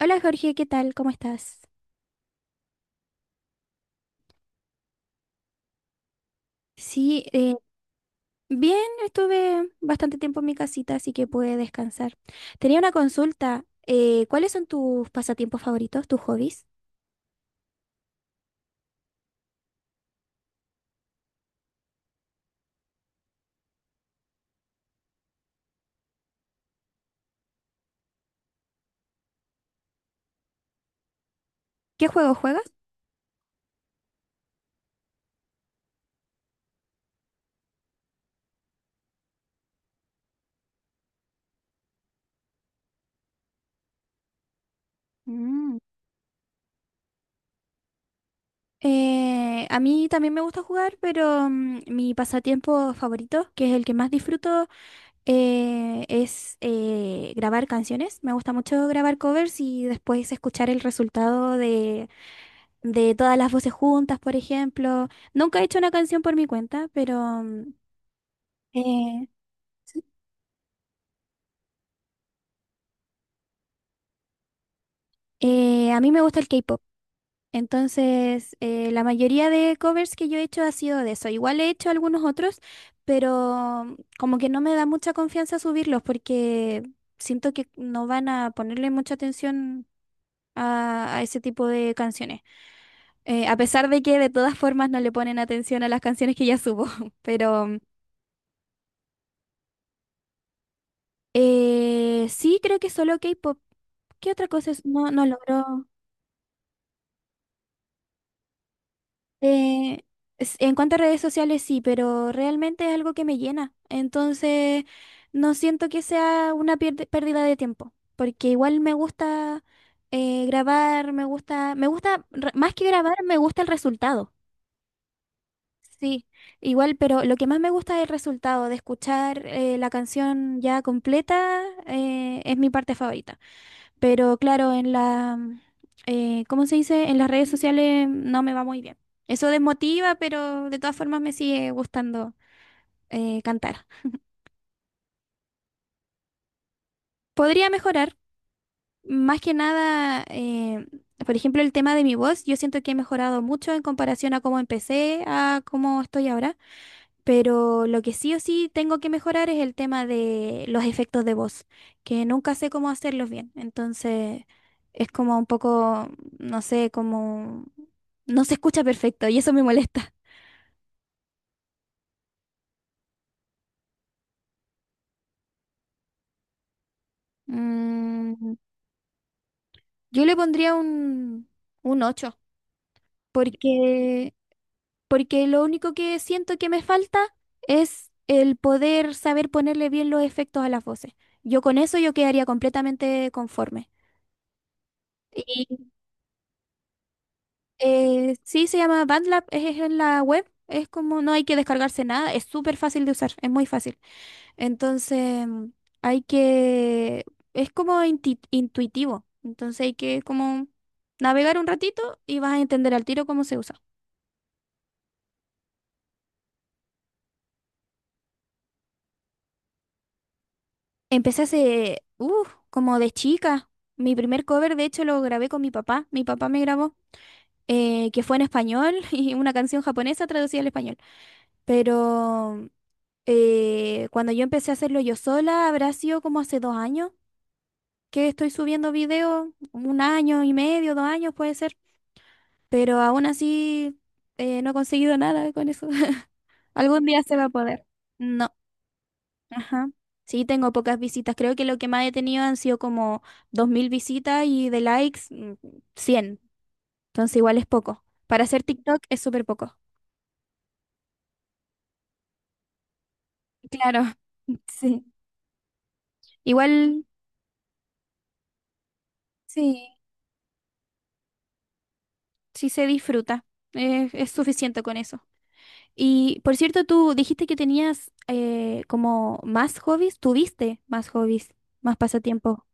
Hola Jorge, ¿qué tal? ¿Cómo estás? Sí, bien, estuve bastante tiempo en mi casita, así que pude descansar. Tenía una consulta. ¿Cuáles son tus pasatiempos favoritos, tus hobbies? ¿Qué juegos juegas? Mm, a mí también me gusta jugar, pero mi pasatiempo favorito, que es el que más disfruto, es grabar canciones. Me gusta mucho grabar covers y después escuchar el resultado de todas las voces juntas, por ejemplo. Nunca he hecho una canción por mi cuenta, pero eh, a mí me gusta el K-pop. Entonces, la mayoría de covers que yo he hecho ha sido de eso. Igual he hecho algunos otros, pero como que no me da mucha confianza subirlos porque siento que no van a ponerle mucha atención a ese tipo de canciones. A pesar de que de todas formas no le ponen atención a las canciones que ya subo, pero sí, creo que solo K-pop. ¿Qué otra cosa es? No, no logro. Eh, en cuanto a redes sociales, sí, pero realmente es algo que me llena. Entonces, no siento que sea una pérdida de tiempo, porque igual me gusta grabar, más que grabar, me gusta el resultado. Sí, igual, pero lo que más me gusta es el resultado de escuchar la canción ya completa, es mi parte favorita. Pero claro, ¿cómo se dice? En las redes sociales no me va muy bien. Eso desmotiva, pero de todas formas me sigue gustando cantar. Podría mejorar, más que nada, por ejemplo, el tema de mi voz. Yo siento que he mejorado mucho en comparación a cómo empecé, a cómo estoy ahora. Pero lo que sí o sí tengo que mejorar es el tema de los efectos de voz, que nunca sé cómo hacerlos bien. Entonces es como un poco, no sé, como no se escucha perfecto y eso me molesta. Mm, yo le pondría un ocho, porque, porque lo único que siento que me falta es el poder saber ponerle bien los efectos a las voces. Yo con eso yo quedaría completamente conforme. Sí, se llama BandLab, es en la web, es como no hay que descargarse nada, es súper fácil de usar, es muy fácil. Entonces, hay que, es como intuitivo, entonces hay que como navegar un ratito y vas a entender al tiro cómo se usa. Empecé hace, como de chica. Mi primer cover, de hecho, lo grabé con mi papá me grabó, que fue en español y una canción japonesa traducida al español. Pero cuando yo empecé a hacerlo yo sola, habrá sido como hace 2 años que estoy subiendo videos, 1 año y medio, 2 años puede ser, pero aún así no he conseguido nada con eso. Algún día se va a poder. No, ajá. Sí, tengo pocas visitas. Creo que lo que más he tenido han sido como 2000 visitas y de likes, 100. Entonces igual es poco. Para hacer TikTok es súper poco. Claro, sí. Igual, sí, sí se disfruta. Es suficiente con eso. Y por cierto, tú dijiste que tenías como más hobbies, tuviste más hobbies, más pasatiempo,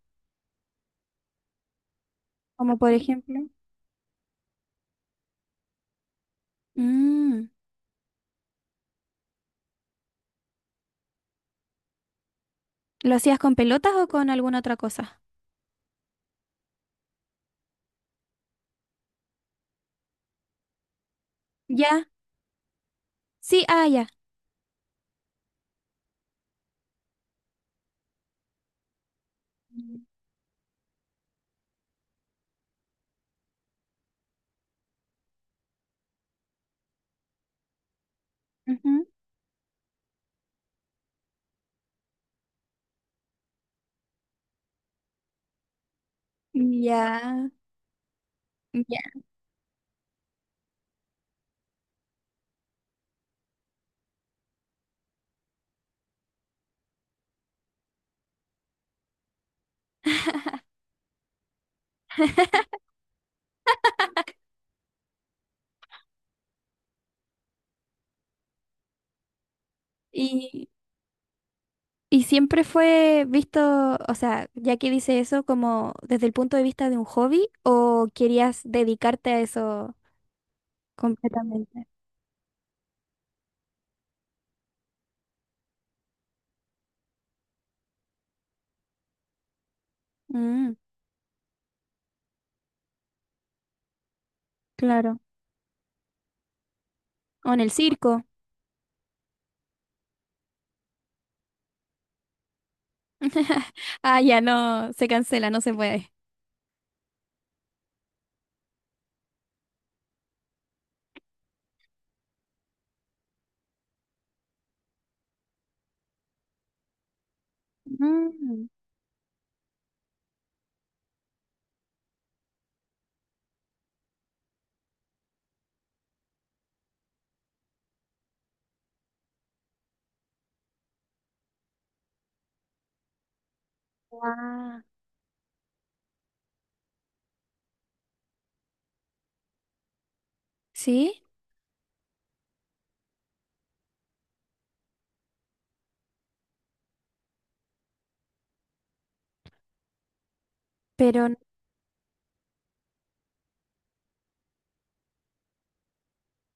como por ejemplo. Mm, ¿Lo hacías con pelotas o con alguna otra cosa? Ya, sí, ah, ya. Mm, ujú. Ya, ya. Y, y siempre fue visto, o sea, ya que dice eso, como desde el punto de vista de un hobby, o querías dedicarte a eso completamente. Mm, claro. O en el circo. Ah, ya no, se cancela, no se puede. Mm, guau. ¿Sí? Pero,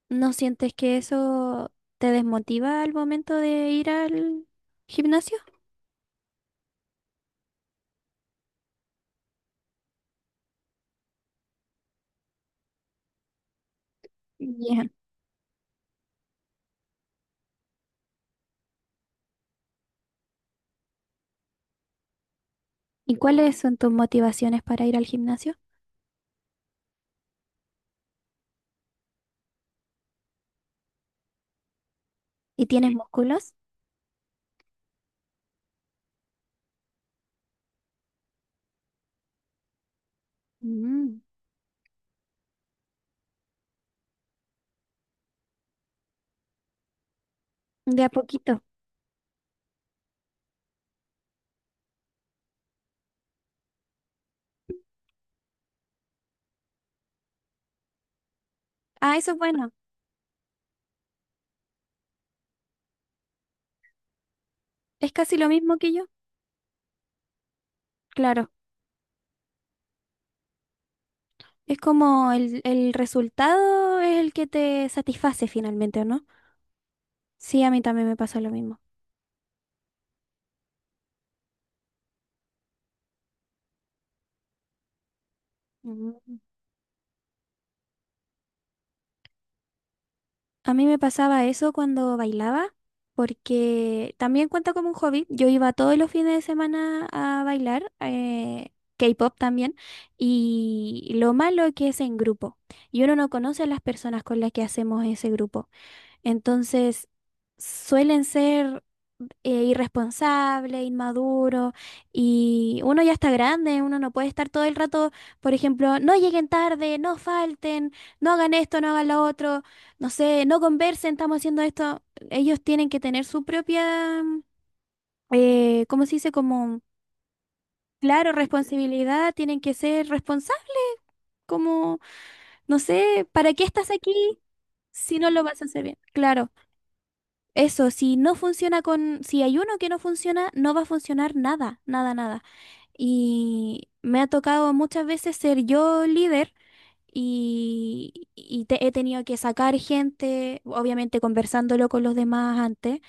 ¿no sientes que eso te desmotiva al momento de ir al gimnasio? Ya. ¿Y cuáles son tus motivaciones para ir al gimnasio? ¿Y tienes músculos? Mm. De a poquito. Ah, eso es bueno. Es casi lo mismo que yo. Claro. Es como el resultado es el que te satisface finalmente, ¿o no? Sí, a mí también me pasa lo mismo. A mí me pasaba eso cuando bailaba, porque también cuenta como un hobby. Yo iba todos los fines de semana a bailar, K-pop también, y lo malo que es en grupo. Y uno no conoce a las personas con las que hacemos ese grupo. Entonces, suelen ser irresponsable, inmaduro, y uno ya está grande, uno no puede estar todo el rato, por ejemplo, no lleguen tarde, no falten, no hagan esto, no hagan lo otro, no sé, no conversen, estamos haciendo esto. Ellos tienen que tener su propia, ¿cómo se dice? Como, claro, responsabilidad, tienen que ser responsables, como, no sé, ¿para qué estás aquí si no lo vas a hacer bien? Claro. Eso, si no funciona con, si hay uno que no funciona, no va a funcionar nada, nada, nada. Y me ha tocado muchas veces ser yo líder y he tenido que sacar gente, obviamente conversándolo con los demás antes,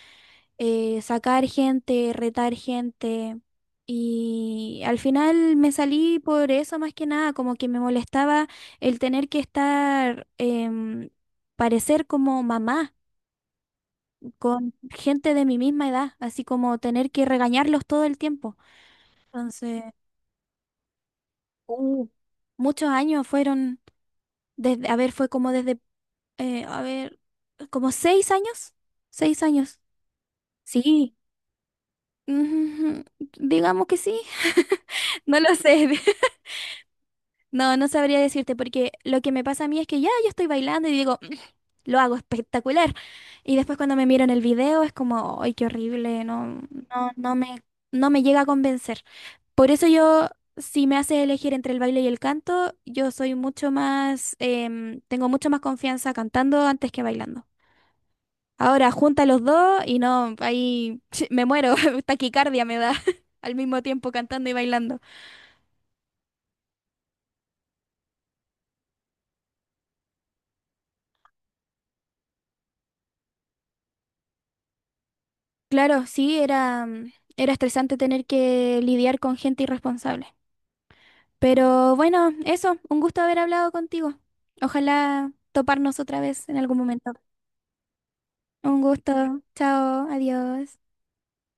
sacar gente, retar gente. Y al final me salí por eso más que nada, como que me molestaba el tener que estar, parecer como mamá con gente de mi misma edad, así como tener que regañarlos todo el tiempo. Entonces, uh, muchos años fueron, desde, a ver, fue como desde, a ver, como 6 años, 6 años, sí, ujú, digamos que sí, no lo sé, no, no sabría decirte, porque lo que me pasa a mí es que ya yo estoy bailando y digo, "Mm, lo hago espectacular", y después cuando me miran el video es como, ay, qué horrible, no, no, no me llega a convencer. Por eso yo, si me haces elegir entre el baile y el canto, yo soy mucho más, em, tengo mucho más confianza cantando antes que bailando. Ahora junta los dos y no, ahí me muero, taquicardia me da al mismo tiempo cantando y bailando. Claro, sí, era estresante tener que lidiar con gente irresponsable. Pero bueno, eso, un gusto haber hablado contigo. Ojalá toparnos otra vez en algún momento. Un gusto, chao, adiós.